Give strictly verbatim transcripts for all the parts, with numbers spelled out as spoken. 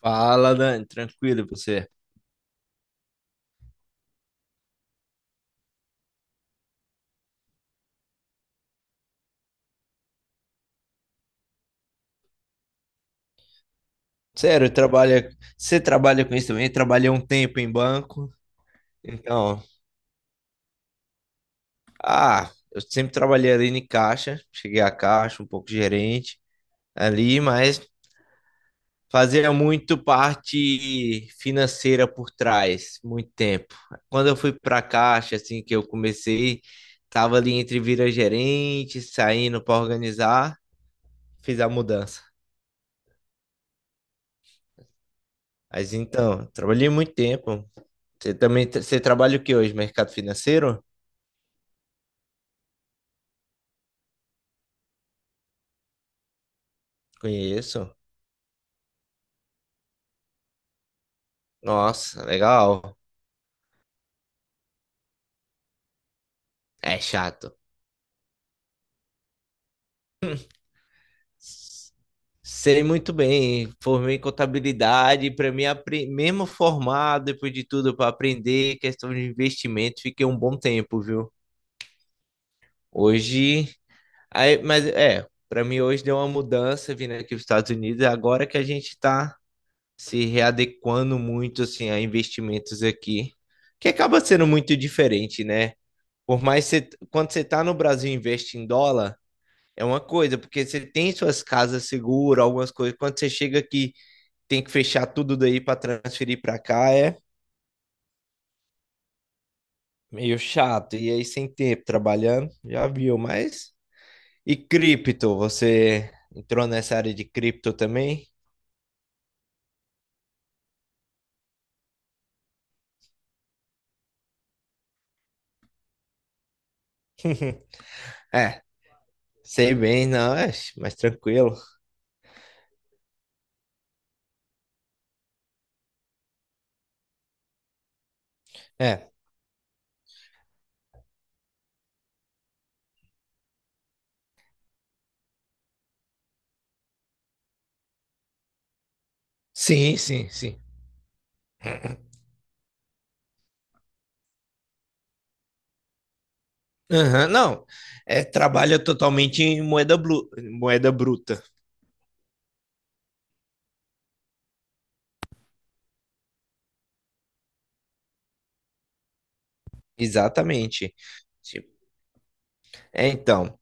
Fala, Dani, tranquilo e você? Sério, trabalha, você trabalha com isso também? Eu trabalhei um tempo em banco. Então, ah, eu sempre trabalhei ali em caixa, cheguei a caixa, um pouco gerente ali, mas fazia muito parte financeira por trás, muito tempo. Quando eu fui para caixa, assim que eu comecei, tava ali entre vira gerente, saindo para organizar, fiz a mudança. Mas então, trabalhei muito tempo. Você também tra- você trabalha o que hoje? Mercado financeiro? Conheço. Nossa, legal. É chato. Sei muito bem, formei em contabilidade, para mim, apre- mesmo formado, depois de tudo, para aprender questão de investimento, fiquei um bom tempo, viu? Hoje, aí, mas é, para mim hoje deu uma mudança vindo aqui para os Estados Unidos, agora que a gente está se readequando muito assim a investimentos aqui, que acaba sendo muito diferente, né? Por mais que você, quando você tá no Brasil e investe em dólar, é uma coisa, porque você tem suas casas seguras, algumas coisas. Quando você chega aqui, tem que fechar tudo daí para transferir para cá, é meio chato. E aí, sem tempo trabalhando, já viu, mas. E cripto, você entrou nessa área de cripto também? É, sei bem, não, é mais tranquilo. É, sim, sim, sim. Aham, não, é, trabalha totalmente em moeda, blu, moeda bruta. Exatamente. Tipo, é, então.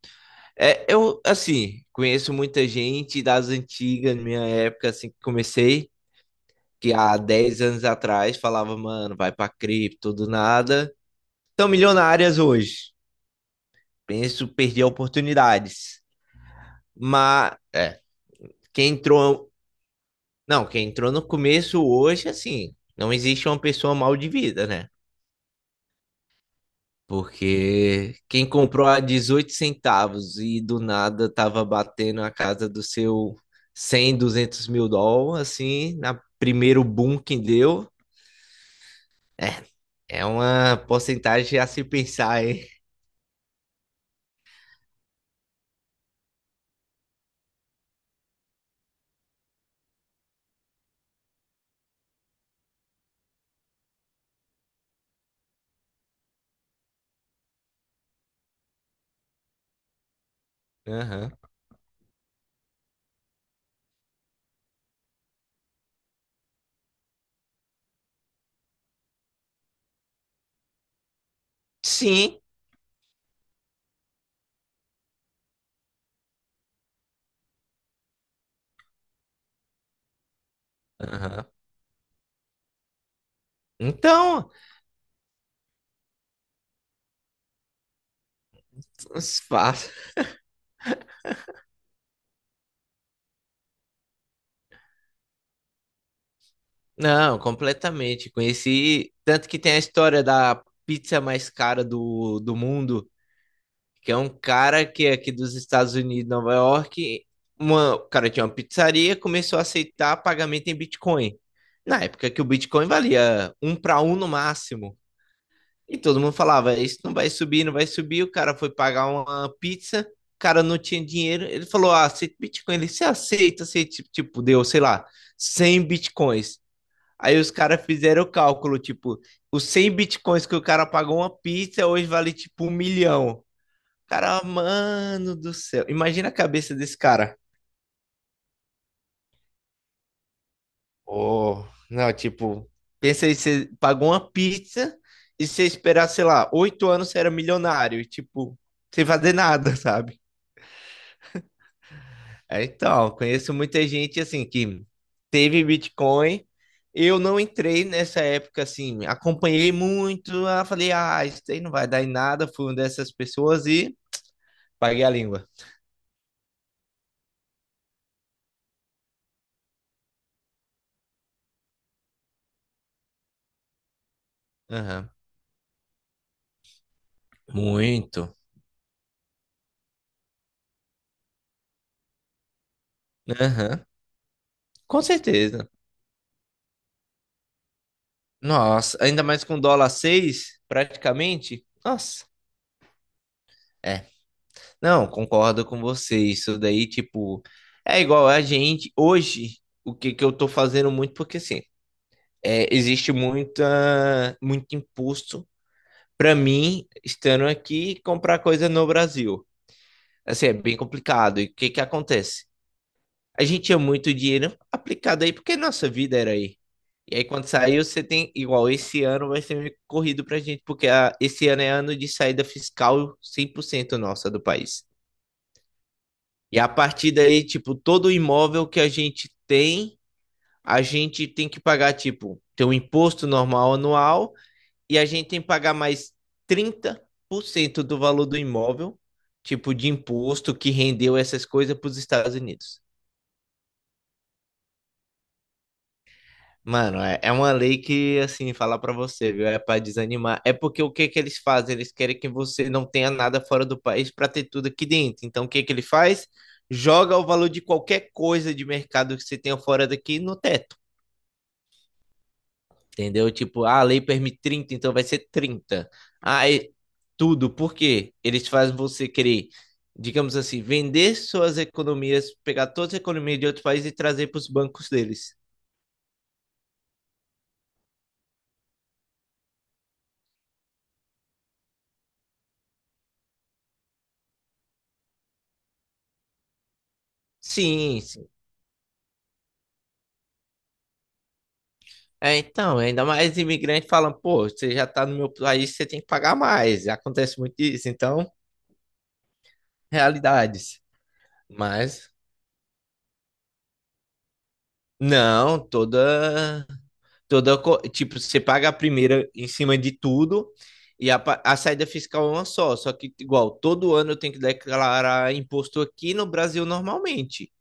É, eu, assim, conheço muita gente das antigas, na minha época, assim, que comecei, que há dez anos atrás falava, mano, vai pra cripto, do nada. Estão milionárias hoje. Penso perder oportunidades. Mas, é, quem entrou. Não, quem entrou no começo hoje, assim, não existe uma pessoa mal de vida, né? Porque quem comprou a dezoito centavos e do nada tava batendo a casa do seu cem duzentos mil dólares, assim, na primeiro boom que deu, é uma porcentagem a se pensar, hein? Aham. Sim. Aham. Então, os fatos- não, completamente. Conheci, tanto que tem a história da pizza mais cara do, do mundo, que é um cara que é aqui dos Estados Unidos, Nova York. Uma, o cara tinha uma pizzaria, começou a aceitar pagamento em Bitcoin. Na época que o Bitcoin valia um para um no máximo. E todo mundo falava: Isso não vai subir, não vai subir. O cara foi pagar uma pizza, o cara não tinha dinheiro. Ele falou: Ah, aceita Bitcoin. Ele se aceita, aceita. Tipo, deu, sei lá, cem Bitcoins. Aí os caras fizeram o cálculo: Tipo, os cem Bitcoins que o cara pagou uma pizza hoje vale tipo um milhão. Cara, mano do céu. Imagina a cabeça desse cara. Oh, não, tipo, pensa aí, você pagou uma pizza e você esperar, sei lá, oito anos você era milionário, e, tipo, sem fazer nada, sabe? É, então, conheço muita gente assim que teve Bitcoin. Eu não entrei nessa época assim, acompanhei muito, ah, falei, ah, isso aí não vai dar em nada, fui uma dessas pessoas e paguei a língua. Aham. Muito. Aham. Com certeza. Nossa, ainda mais com dólar seis, praticamente. Nossa, é. Não, concordo com você. Isso daí, tipo, é igual a gente hoje. O que que eu tô fazendo muito, porque assim, é, existe muita, muito imposto para mim, estando aqui, comprar coisa no Brasil. Assim, é bem complicado. E o que que acontece? A gente tinha muito dinheiro aplicado aí, porque nossa vida era aí. E aí, quando saiu, você tem igual. Esse ano vai ser meio corrido pra gente, porque a- esse ano é ano de saída fiscal cem por cento nossa do país. E a partir daí, tipo, todo imóvel que a gente tem, a gente tem que pagar, tipo, tem um imposto normal anual e a gente tem que pagar mais trinta por cento do valor do imóvel, tipo, de imposto que rendeu essas coisas para os Estados Unidos. Mano, é, é uma lei que, assim, falar pra você, viu? É pra desanimar. É porque o que que eles fazem? Eles querem que você não tenha nada fora do país pra ter tudo aqui dentro. Então, o que que ele faz? Joga o valor de qualquer coisa de mercado que você tenha fora daqui no teto, entendeu? Tipo, ah, a lei permite trinta, então vai ser trinta. Ah, é tudo. Por quê? Eles fazem você querer, digamos assim, vender suas economias, pegar todas as economias de outros países e trazer para os bancos deles. Sim, é, então, ainda mais imigrante falando, pô, você já tá no meu país, você tem que pagar mais. Acontece muito isso, então, realidades. Mas, não, toda, toda, co- tipo, você paga a primeira em cima de tudo e a, pa- a saída fiscal é uma só. Só que, igual, todo ano eu tenho que declarar imposto aqui no Brasil normalmente.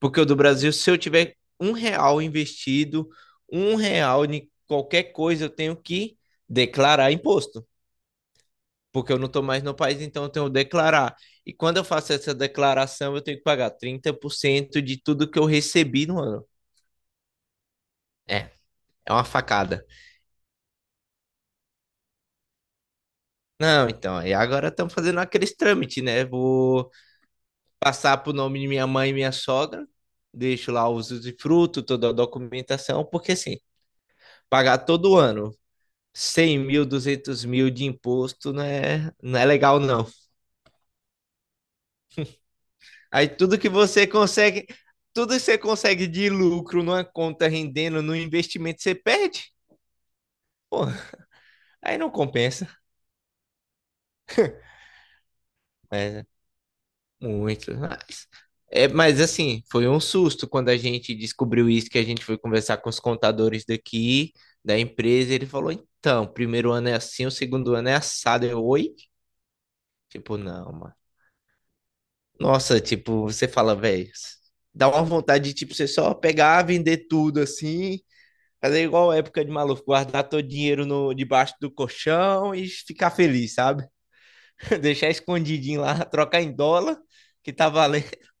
Porque o do Brasil, se eu tiver um real investido, um real em qualquer coisa, eu tenho que declarar imposto. Porque eu não estou mais no país, então eu tenho que declarar. E quando eu faço essa declaração, eu tenho que pagar trinta por cento de tudo que eu recebi no ano. É, é uma facada. Não, então, e agora estamos fazendo aqueles trâmites, né? Vou passar para o nome de minha mãe e minha sogra, deixo lá os usufruto, toda a documentação, porque assim, pagar todo ano cem mil, duzentos mil de imposto não é, não é legal, não. Aí tudo que você consegue, tudo que você consegue de lucro numa conta rendendo no investimento, você perde. Pô, aí não compensa. Mas muito mais. É, mas assim, foi um susto quando a gente descobriu isso, que a gente foi conversar com os contadores daqui, da empresa, e ele falou: então, o primeiro ano é assim, o segundo ano é assado. Eu, oi? Tipo, não, mano. Nossa, tipo, você fala, velho, dá uma vontade de, tipo, você só pegar, vender tudo assim. Fazer igual a época de maluco, guardar todo o dinheiro no, debaixo do colchão e ficar feliz, sabe? Deixar escondidinho lá, trocar em dólar, que tá valendo.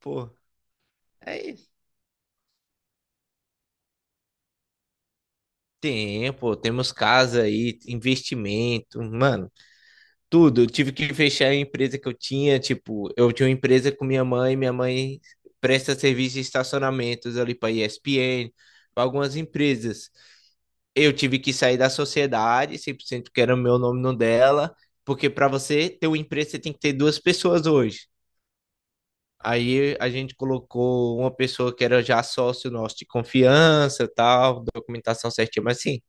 Pô, é isso. Tem, pô, temos casa aí, investimento, mano, tudo. Eu tive que fechar a empresa que eu tinha, tipo, eu tinha uma empresa com minha mãe, minha mãe presta serviço de estacionamentos ali para E S P N, para algumas empresas. Eu tive que sair da sociedade, cem por cento que era o meu nome no dela, porque para você ter uma empresa, você tem que ter duas pessoas hoje. Aí a gente colocou uma pessoa que era já sócio nosso de confiança, tal, documentação certinha, mas sim,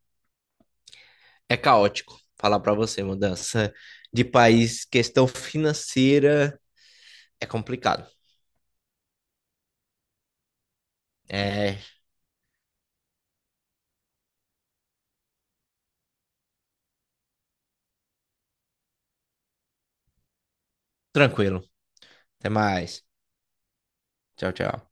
é caótico. Falar para você, mudança de país, questão financeira é complicado. É tranquilo. Até mais. Tchau, tchau.